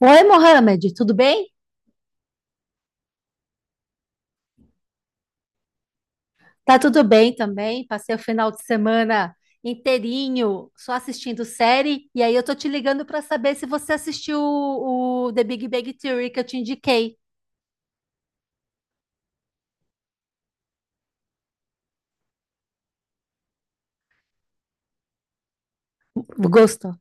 Oi, Mohamed, tudo bem? Tá tudo bem também. Passei o final de semana inteirinho só assistindo série. E aí eu tô te ligando para saber se você assistiu o The Big Bang Theory que eu te indiquei. Gostou?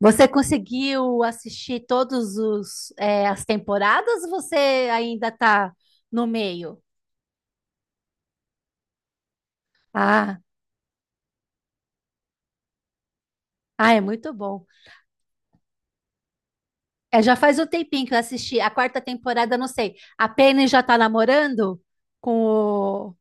Você conseguiu assistir todos as temporadas, ou você ainda tá no meio? Ah, ah, é muito bom. É, já faz um tempinho que eu assisti a quarta temporada. Não sei. A Penny já tá namorando com o...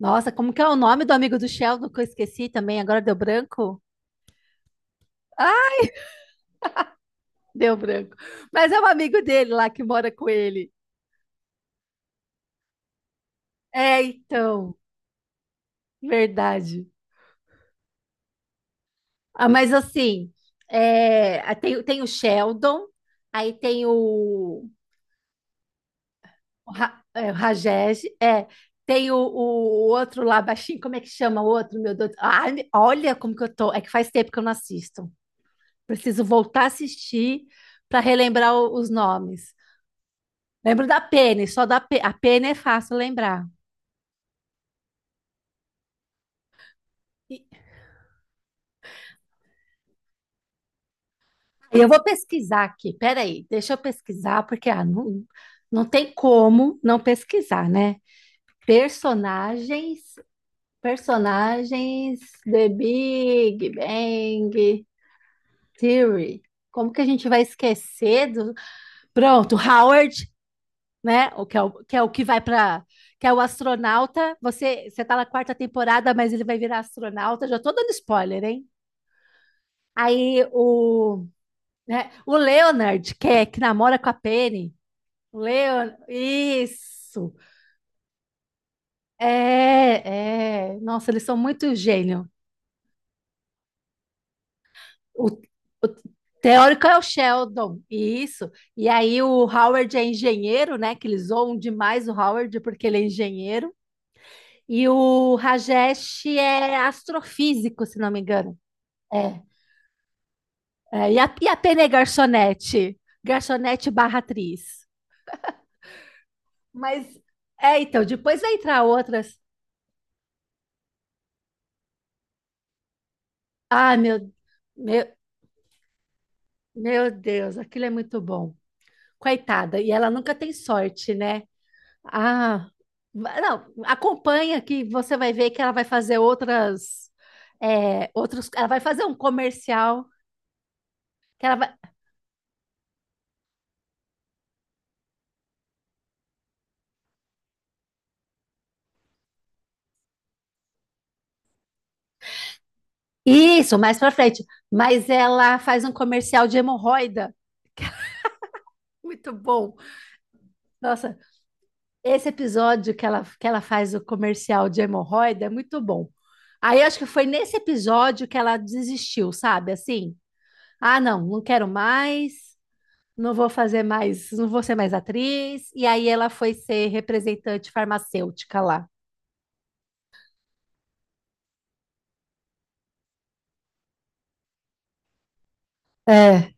Nossa, como que é o nome do amigo do Sheldon que eu esqueci também? Agora deu branco? Ah, deu branco. Mas é um amigo dele lá que mora com ele. É, então, verdade. Ah, mas assim, é, ah, tem o Sheldon, aí tem o, o Rajesh, é, tem o outro lá baixinho, como é que chama o outro, meu Deus? Ah, olha como que eu tô. É que faz tempo que eu não assisto. Preciso voltar a assistir para relembrar os nomes. Lembro da pene, só da pe... a pene é fácil lembrar. E- Eu vou pesquisar aqui, peraí, deixa eu pesquisar, porque ah, não, não tem como não pesquisar, né? Personagens, personagens, The Big Bang Theory. Como que a gente vai esquecer do... Pronto, Howard, né? O que é o que, é o que vai para... Que é o astronauta, você tá na quarta temporada, mas ele vai virar astronauta, já tô dando spoiler, hein? Aí o... né? O Leonard, que, é, que namora com a Penny. O Leon... Isso. É, é. Nossa, eles são muito gênio. O, o teórico é o Sheldon. Isso. E aí o Howard é engenheiro, né? Que eles zoam demais o Howard porque ele é engenheiro. E o Rajesh é astrofísico, se não me engano. É. É, e a Penny é garçonete. Garçonete barra atriz. Mas, é, então, depois vai entrar outras... Ah, meu, meu Deus, aquilo é muito bom. Coitada, e ela nunca tem sorte, né? Ah, não, acompanha que você vai ver que ela vai fazer outras, é, outros, ela vai fazer um comercial que ela vai, isso, mais pra frente, mas ela faz um comercial de hemorroida. Muito bom. Nossa, esse episódio que ela faz o comercial de hemorroida é muito bom. Aí acho que foi nesse episódio que ela desistiu, sabe? Assim. Ah, não, não quero mais, não vou fazer mais, não vou ser mais atriz. E aí ela foi ser representante farmacêutica lá. É.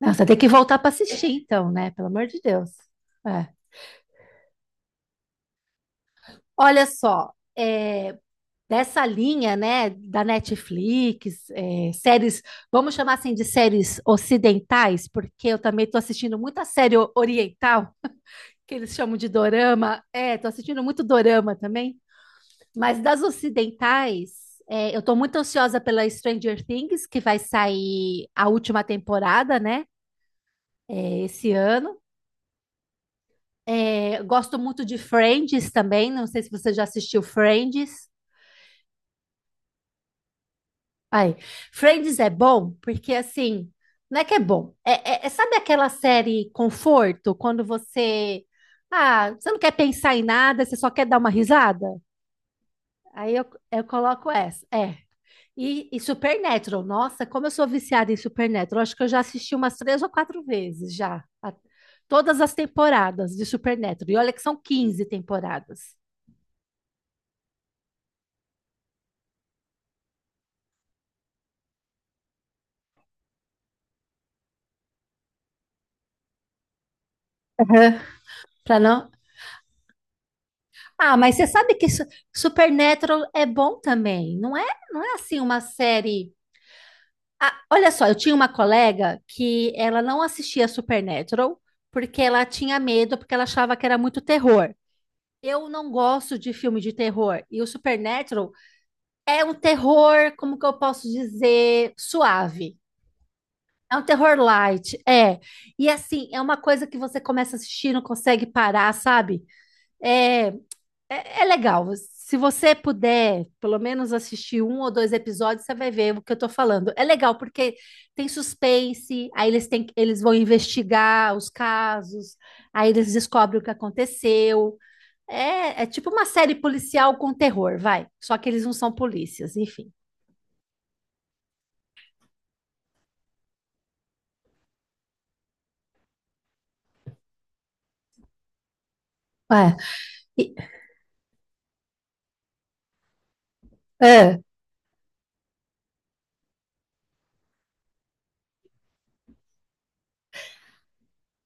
Nossa, tem que voltar para assistir então, né? Pelo amor de Deus. É. Olha só, é, dessa linha, né, da Netflix, é, séries, vamos chamar assim de séries ocidentais, porque eu também estou assistindo muita série oriental, que eles chamam de dorama. É, estou assistindo muito dorama também. Mas das ocidentais, é, eu estou muito ansiosa pela Stranger Things, que vai sair a última temporada, né? É, esse ano. É, gosto muito de Friends também. Não sei se você já assistiu Friends. Ai, Friends é bom porque assim, não é que é bom. É, sabe aquela série conforto quando você, ah, você não quer pensar em nada, você só quer dar uma risada? Aí eu coloco essa. É. E, e Supernatural, nossa, como eu sou viciada em Supernatural, acho que eu já assisti umas três ou quatro vezes já, todas as temporadas de Supernatural. E olha que são 15 temporadas. Aham. Pra não. Ah, mas você sabe que Supernatural é bom também, não é? Não é assim uma série. Ah, olha só, eu tinha uma colega que ela não assistia Supernatural porque ela tinha medo, porque ela achava que era muito terror. Eu não gosto de filme de terror. E o Supernatural é um terror, como que eu posso dizer, suave. É um terror light, é. E assim, é uma coisa que você começa a assistir, não consegue parar, sabe? É, é, legal. Se você puder, pelo menos assistir um ou dois episódios, você vai ver o que eu tô falando. É legal porque tem suspense, aí eles têm, eles vão investigar os casos, aí eles descobrem o que aconteceu. É, é tipo uma série policial com terror, vai. Só que eles não são polícias, enfim. Ué, e- é.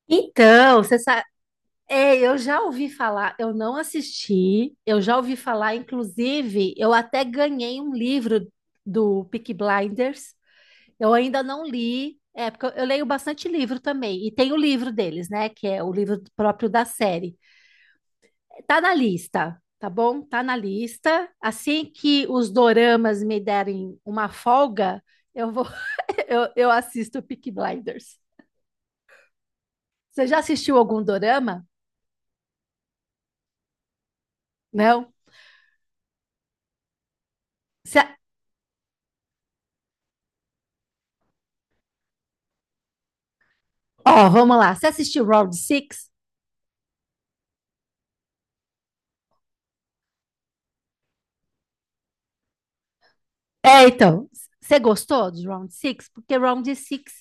Então, você sabe. É, eu já ouvi falar, eu não assisti, eu já ouvi falar, inclusive, eu até ganhei um livro do Peaky Blinders, eu ainda não li, é, porque eu leio bastante livro também, e tem o livro deles, né, que é o livro próprio da série. Tá na lista, tá bom? Tá na lista. Assim que os doramas me derem uma folga, eu vou, eu assisto Peaky Blinders. Você já assistiu algum dorama? Não? Ó, vamos lá. Você assistiu Round Six? É, então. Você gostou de Round Six? Porque Round Six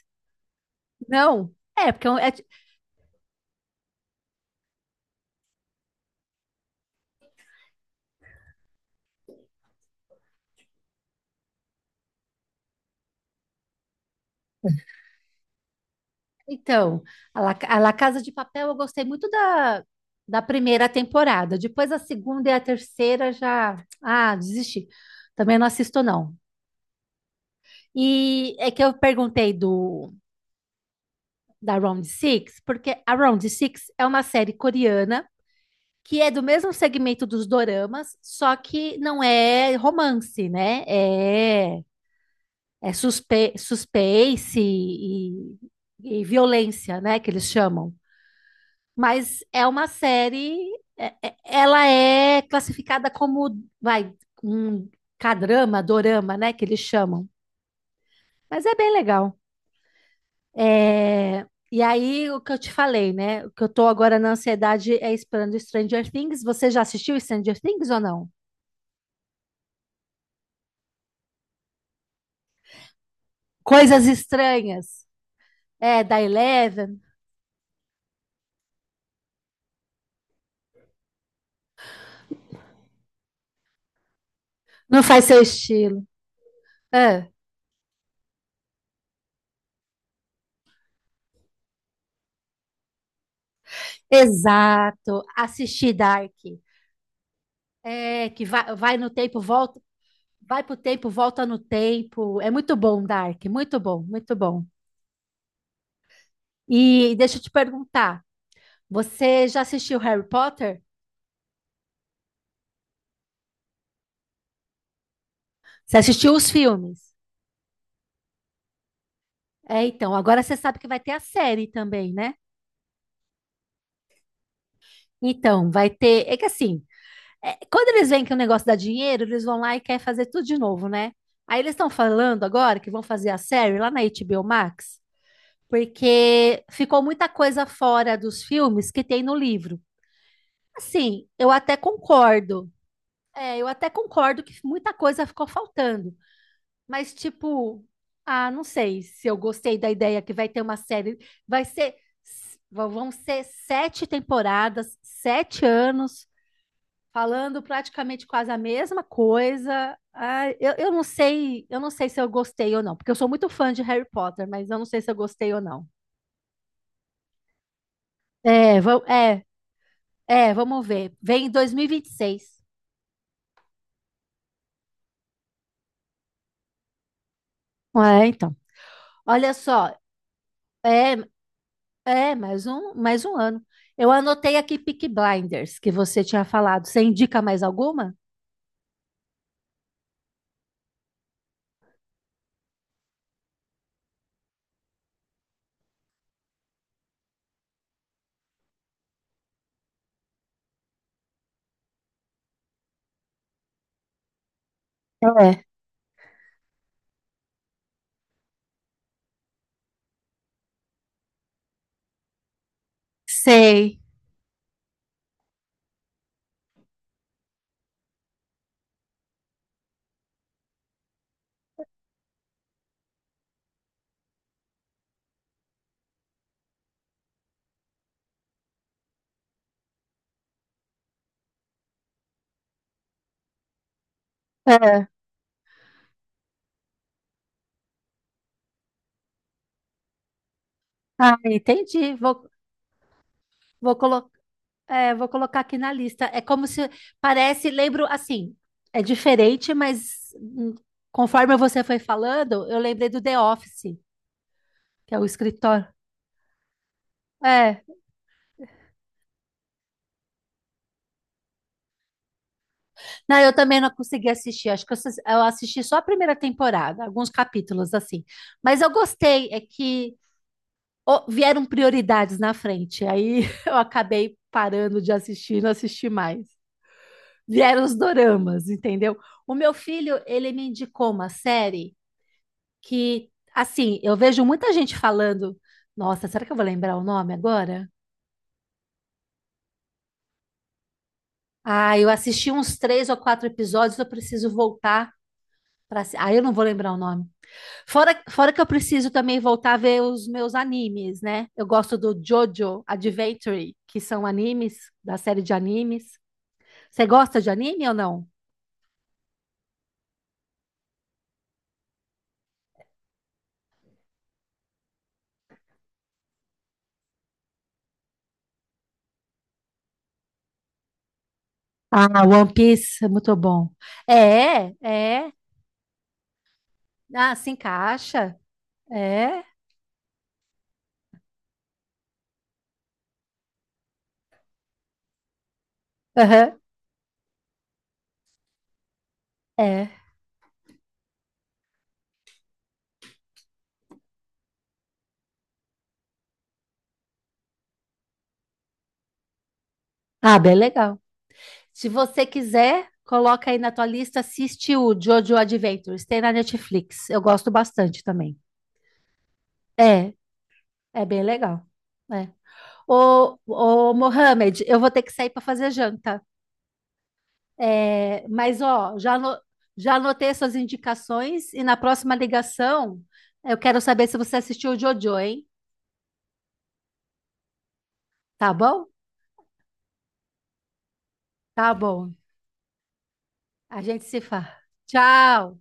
não. É, porque é é então, a La Casa de Papel eu gostei muito da, da primeira temporada. Depois a segunda e a terceira já, ah, desisti. Também não assisto não. E é que eu perguntei do da Round Six porque a Round Six é uma série coreana que é do mesmo segmento dos doramas, só que não é romance, né? É é, suspense e violência, né, que eles chamam. Mas é uma série, ela é classificada como, vai, um cadrama, dorama, né, que eles chamam. Mas é bem legal. É, e aí, o que eu te falei, né, o que eu tô agora na ansiedade é esperando Stranger Things. Você já assistiu Stranger Things ou não? Coisas Estranhas. É, da Eleven. Não faz seu estilo. É. Exato, assistir Dark. É, que vai, vai no tempo, volta, vai pro tempo, volta no tempo. É muito bom, Dark, muito bom, muito bom. E deixa eu te perguntar, você já assistiu Harry Potter? Você assistiu os filmes? É, então, agora você sabe que vai ter a série também, né? Então, vai ter. É que assim, é, quando eles veem que o negócio dá dinheiro, eles vão lá e querem fazer tudo de novo, né? Aí eles estão falando agora que vão fazer a série lá na HBO Max, porque ficou muita coisa fora dos filmes que tem no livro. Assim, eu até concordo. É, eu até concordo que muita coisa ficou faltando, mas tipo, ah, não sei se eu gostei da ideia que vai ter uma série, vai ser vão ser sete temporadas, sete anos falando praticamente quase a mesma coisa. Ah, eu não sei se eu gostei ou não, porque eu sou muito fã de Harry Potter, mas eu não sei se eu gostei ou não. É, é, É, vamos ver. Vem em 2026. É, então. Olha só, é, é mais um ano. Eu anotei aqui Peaky Blinders, que você tinha falado. Você indica mais alguma? É. Sei. É. Ah, entendi. Vou, vou, colo vou colocar aqui na lista. É como se parece, lembro assim, é diferente, mas conforme você foi falando, eu lembrei do The Office, que é o escritório. Não, eu também não consegui assistir. Acho que eu assisti só a primeira temporada, alguns capítulos assim. Mas eu gostei, é que ó, vieram prioridades na frente. Aí eu acabei parando de assistir, não assisti mais. Vieram os doramas, entendeu? O meu filho, ele me indicou uma série que, assim, eu vejo muita gente falando. Nossa, será que eu vou lembrar o nome agora? Ah, eu assisti uns três ou quatro episódios, eu preciso voltar para. Ah, eu não vou lembrar o nome. Fora que eu preciso também voltar a ver os meus animes, né? Eu gosto do JoJo Adventure, que são animes, da série de animes. Você gosta de anime ou não? Ah, One Piece é muito bom. É, é. Ah, se encaixa. É. Aham, é. Ah, bem legal. Se você quiser, coloca aí na tua lista, assiste o JoJo Adventures, tem na Netflix. Eu gosto bastante também. É, é bem legal. É. Ô, Mohamed, eu vou ter que sair para fazer janta. É, mas, ó, já, já anotei suas indicações e na próxima ligação eu quero saber se você assistiu o Jojo, hein? Tá bom? Tá bom. A gente se fala. Tchau!